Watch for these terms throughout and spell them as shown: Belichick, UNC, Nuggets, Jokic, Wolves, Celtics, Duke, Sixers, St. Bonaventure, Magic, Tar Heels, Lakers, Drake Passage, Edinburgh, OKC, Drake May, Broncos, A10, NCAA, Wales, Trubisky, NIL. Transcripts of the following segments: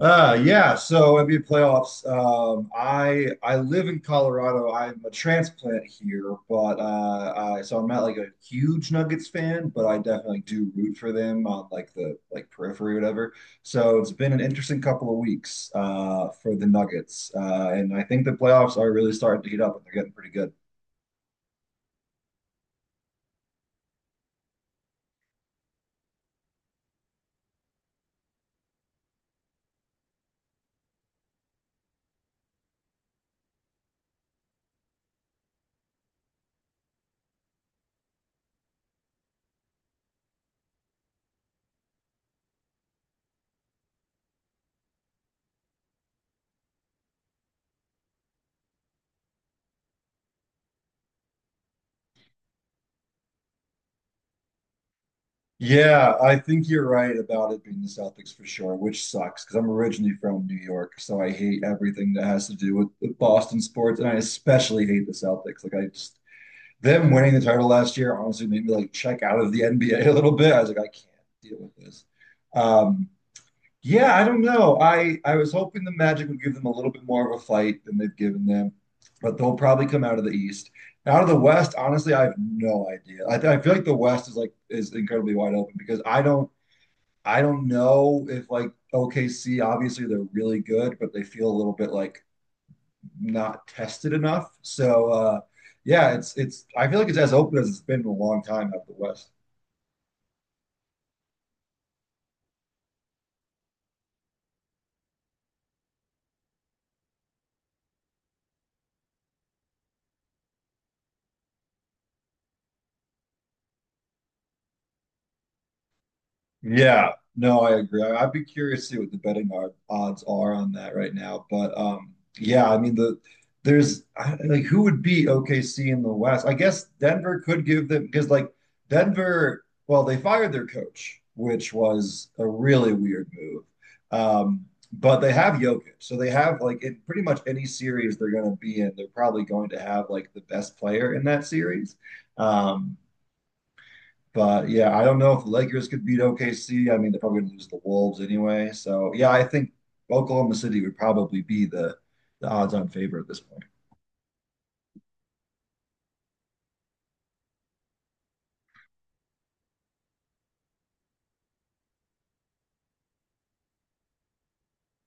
Yeah. So NBA playoffs. I live in Colorado. I'm a transplant here, but I'm not like a huge Nuggets fan, but I definitely do root for them on like the periphery, or whatever. So it's been an interesting couple of weeks for the Nuggets, and I think the playoffs are really starting to heat up, and they're getting pretty good. Yeah, I think you're right about it being the Celtics for sure, which sucks because I'm originally from New York, so I hate everything that has to do with, Boston sports, and I especially hate the Celtics. Like I just them winning the title last year honestly made me like check out of the NBA a little bit. I was like, I can't deal with this. Um, yeah, I don't know. I was hoping the Magic would give them a little bit more of a fight than they've given them, but they'll probably come out of the East. Out of the West, honestly, I have no idea. I feel like the West is incredibly wide open because I don't know if like OKC, obviously they're really good, but they feel a little bit like not tested enough. So yeah, it's I feel like it's as open as it's been in a long time out of the West. Yeah, no, I agree. I'd be curious to see what the betting odds are on that right now. But yeah, I mean like who would beat OKC in the West? I guess Denver could give them because like Denver, well, they fired their coach, which was a really weird move. Um, but they have Jokic, so they have like in pretty much any series they're going to be in, they're probably going to have like the best player in that series. Um, but yeah, I don't know if the Lakers could beat OKC. I mean, they're probably going to lose the Wolves anyway. So yeah, I think Oklahoma City would probably be the odds-on favorite at this point.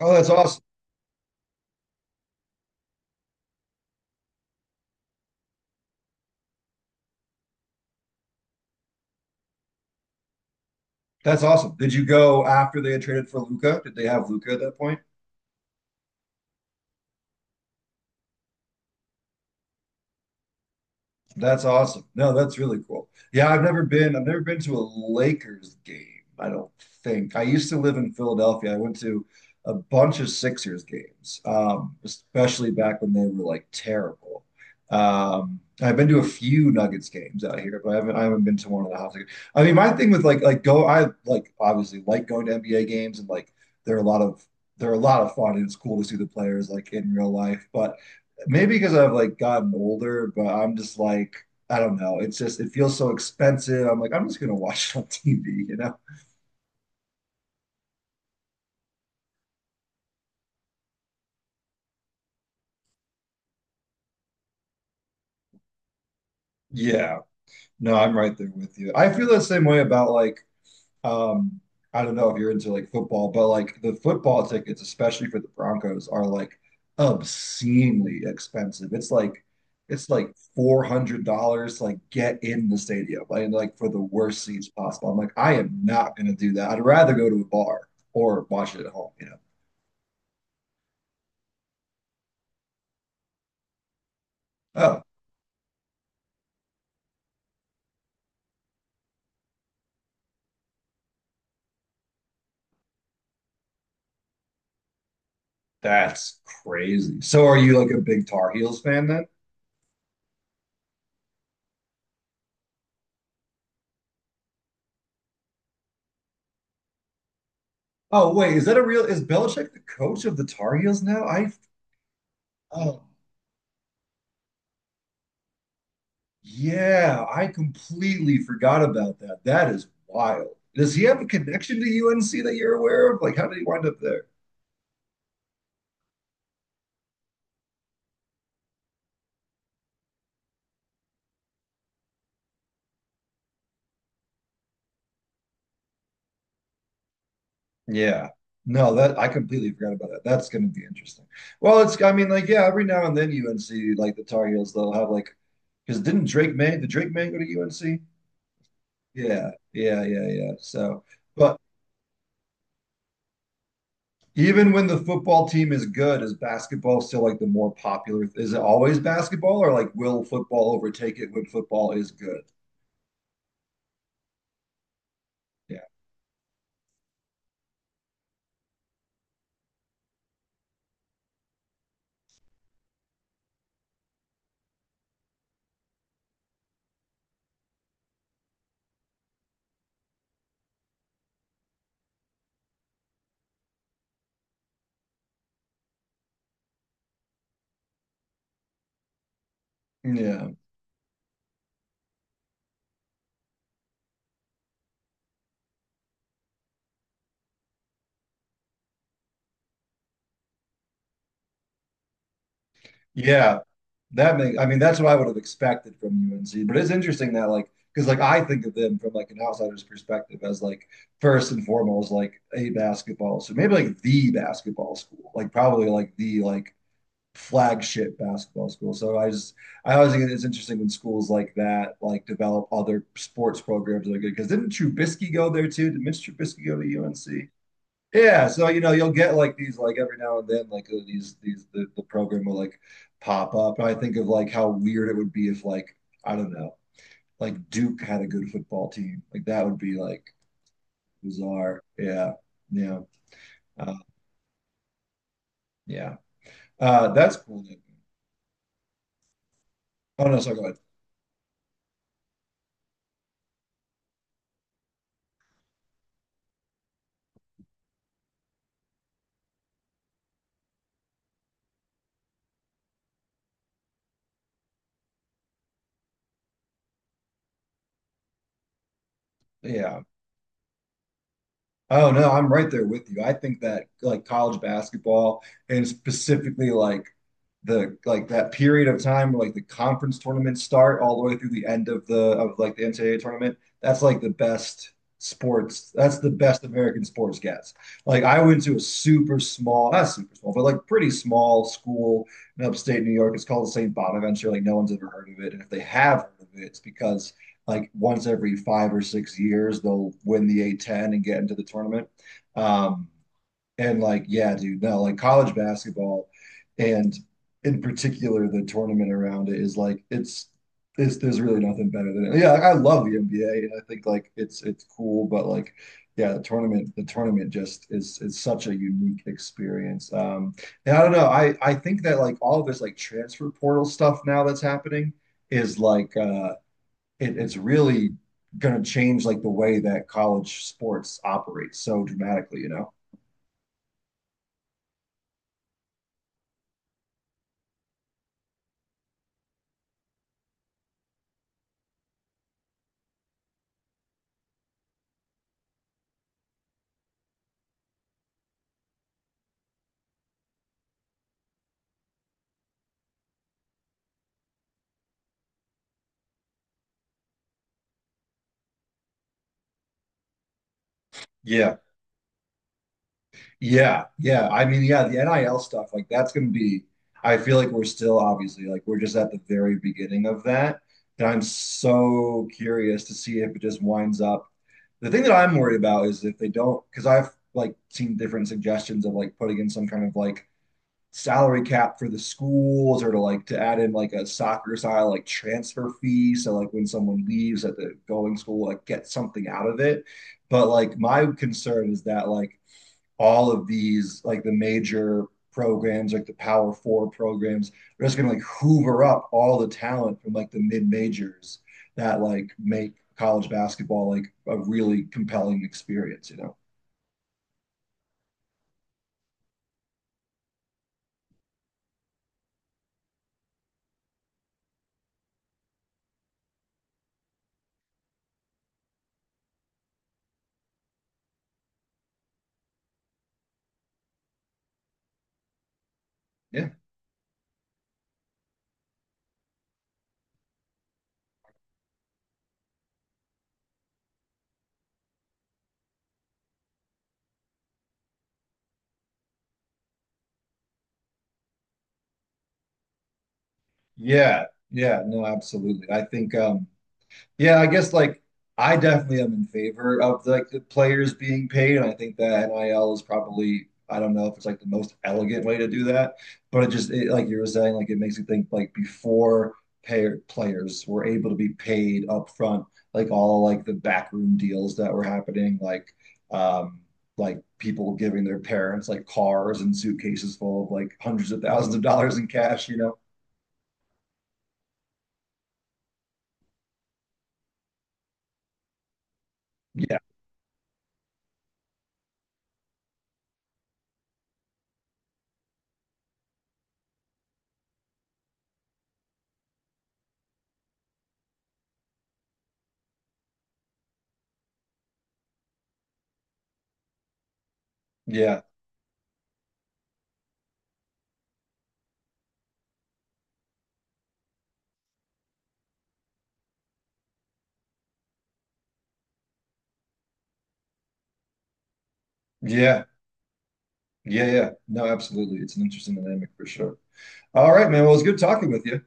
Oh, that's awesome. That's awesome. Did you go after they had traded for Luca? Did they have Luca at that point? That's awesome. No, that's really cool. Yeah, I've never been to a Lakers game, I don't think. I used to live in Philadelphia. I went to a bunch of Sixers games, especially back when they were like terrible. I've been to a few Nuggets games out here, but I haven't been to one of the house. I mean, my thing with like go I like obviously like going to NBA games and like there are a lot of there are a lot of fun and it's cool to see the players like in real life. But maybe because I've like gotten older, but I'm just like, I don't know. It's just it feels so expensive. I'm like, I'm just gonna watch it on TV, you know? Yeah. No, I'm right there with you. I feel the same way about um I don't know if you're into like football, but like the football tickets, especially for the Broncos, are like obscenely expensive. It's like $400 to like get in the stadium like, and like for the worst seats possible. I'm like, I am not gonna do that. I'd rather go to a bar or watch it at home, you know. Oh, that's crazy. So are you like a big Tar Heels fan then? Oh, wait, is that a real is Belichick the coach of the Tar Heels now? I oh Yeah, I completely forgot about that. That is wild. Does he have a connection to UNC that you're aware of? Like, how did he wind up there? Yeah. No, that I completely forgot about that. That's going to be interesting. Well, it's I mean, like, yeah, every now and then UNC, like the Tar Heels, they'll have like because didn't Drake May, did Drake May go to UNC? Yeah, yeah, yeah, yeah. So, but Even when the football team is good, is basketball still like the more popular? Is it always basketball, or like will football overtake it when football is good? Yeah, yeah, yeah. That makes. I mean, that's what I would have expected from UNC. But it's interesting that like because like I think of them from like an outsider's perspective as like first and foremost like a basketball, so maybe like the basketball school, like probably like the like flagship basketball school. So I always think it's interesting when schools like that like develop other sports programs that are good. Because didn't Trubisky go there too? Did Mitch Trubisky go to UNC? Yeah, so you know you'll get like these like every now and then the program will like pop up. And I think of like how weird it would be if like I don't know like Duke had a good football team like that would be like bizarre. Yeah, yeah, uh, yeah. That's cool. Oh no, sorry, go ahead. Yeah. Oh no, I'm right there with you. I think that like college basketball and specifically like that period of time where like the conference tournaments start all the way through the end of the of like the NCAA tournament, that's like the best sports. That's the best American sports gets. Like I went to a super small, not super small, but like pretty small school in upstate New York. It's called St. Bonaventure. Like no one's ever heard of it. And if they have heard of it, it's because like once every 5 or 6 years they'll win the A10 and get into the tournament. Um, and like, yeah, dude, no, like college basketball and in particular the tournament around it is like it's there's really nothing better than it. Yeah, like, I love the NBA and I think like it's cool, but like yeah, the tournament just is such a unique experience. And I don't know, I think that like all of this like transfer portal stuff now that's happening is it's really going to change like the way that college sports operates so dramatically, you know? Yeah. Yeah. Yeah. I mean, yeah, the NIL stuff, like that's going to be, I feel like we're still obviously like we're just at the very beginning of that. And I'm so curious to see if it just winds up. The thing that I'm worried about is if they don't, because I've like seen different suggestions of like putting in some kind of like salary cap for the schools or to add in like a soccer style like transfer fee, so like when someone leaves at the going school like get something out of it, but like my concern is that like all of these like the major programs, like the power four programs, are just gonna like hoover up all the talent from like the mid majors that like make college basketball like a really compelling experience, you know? yeah yeah yeah no, absolutely. I think Yeah, I guess like I definitely am in favor of like the players being paid. And I think that NIL is probably, I don't know if it's like the most elegant way to do that, but it just it, like you were saying, like it makes you think like before payer players were able to be paid up front, like all like the backroom deals that were happening, um like people giving their parents like cars and suitcases full of like hundreds of thousands of dollars in cash, you know? Yeah. Yeah. Yeah. Yeah, yeah. No, absolutely. It's an interesting dynamic for sure. All right, man. Well, it's good talking with you.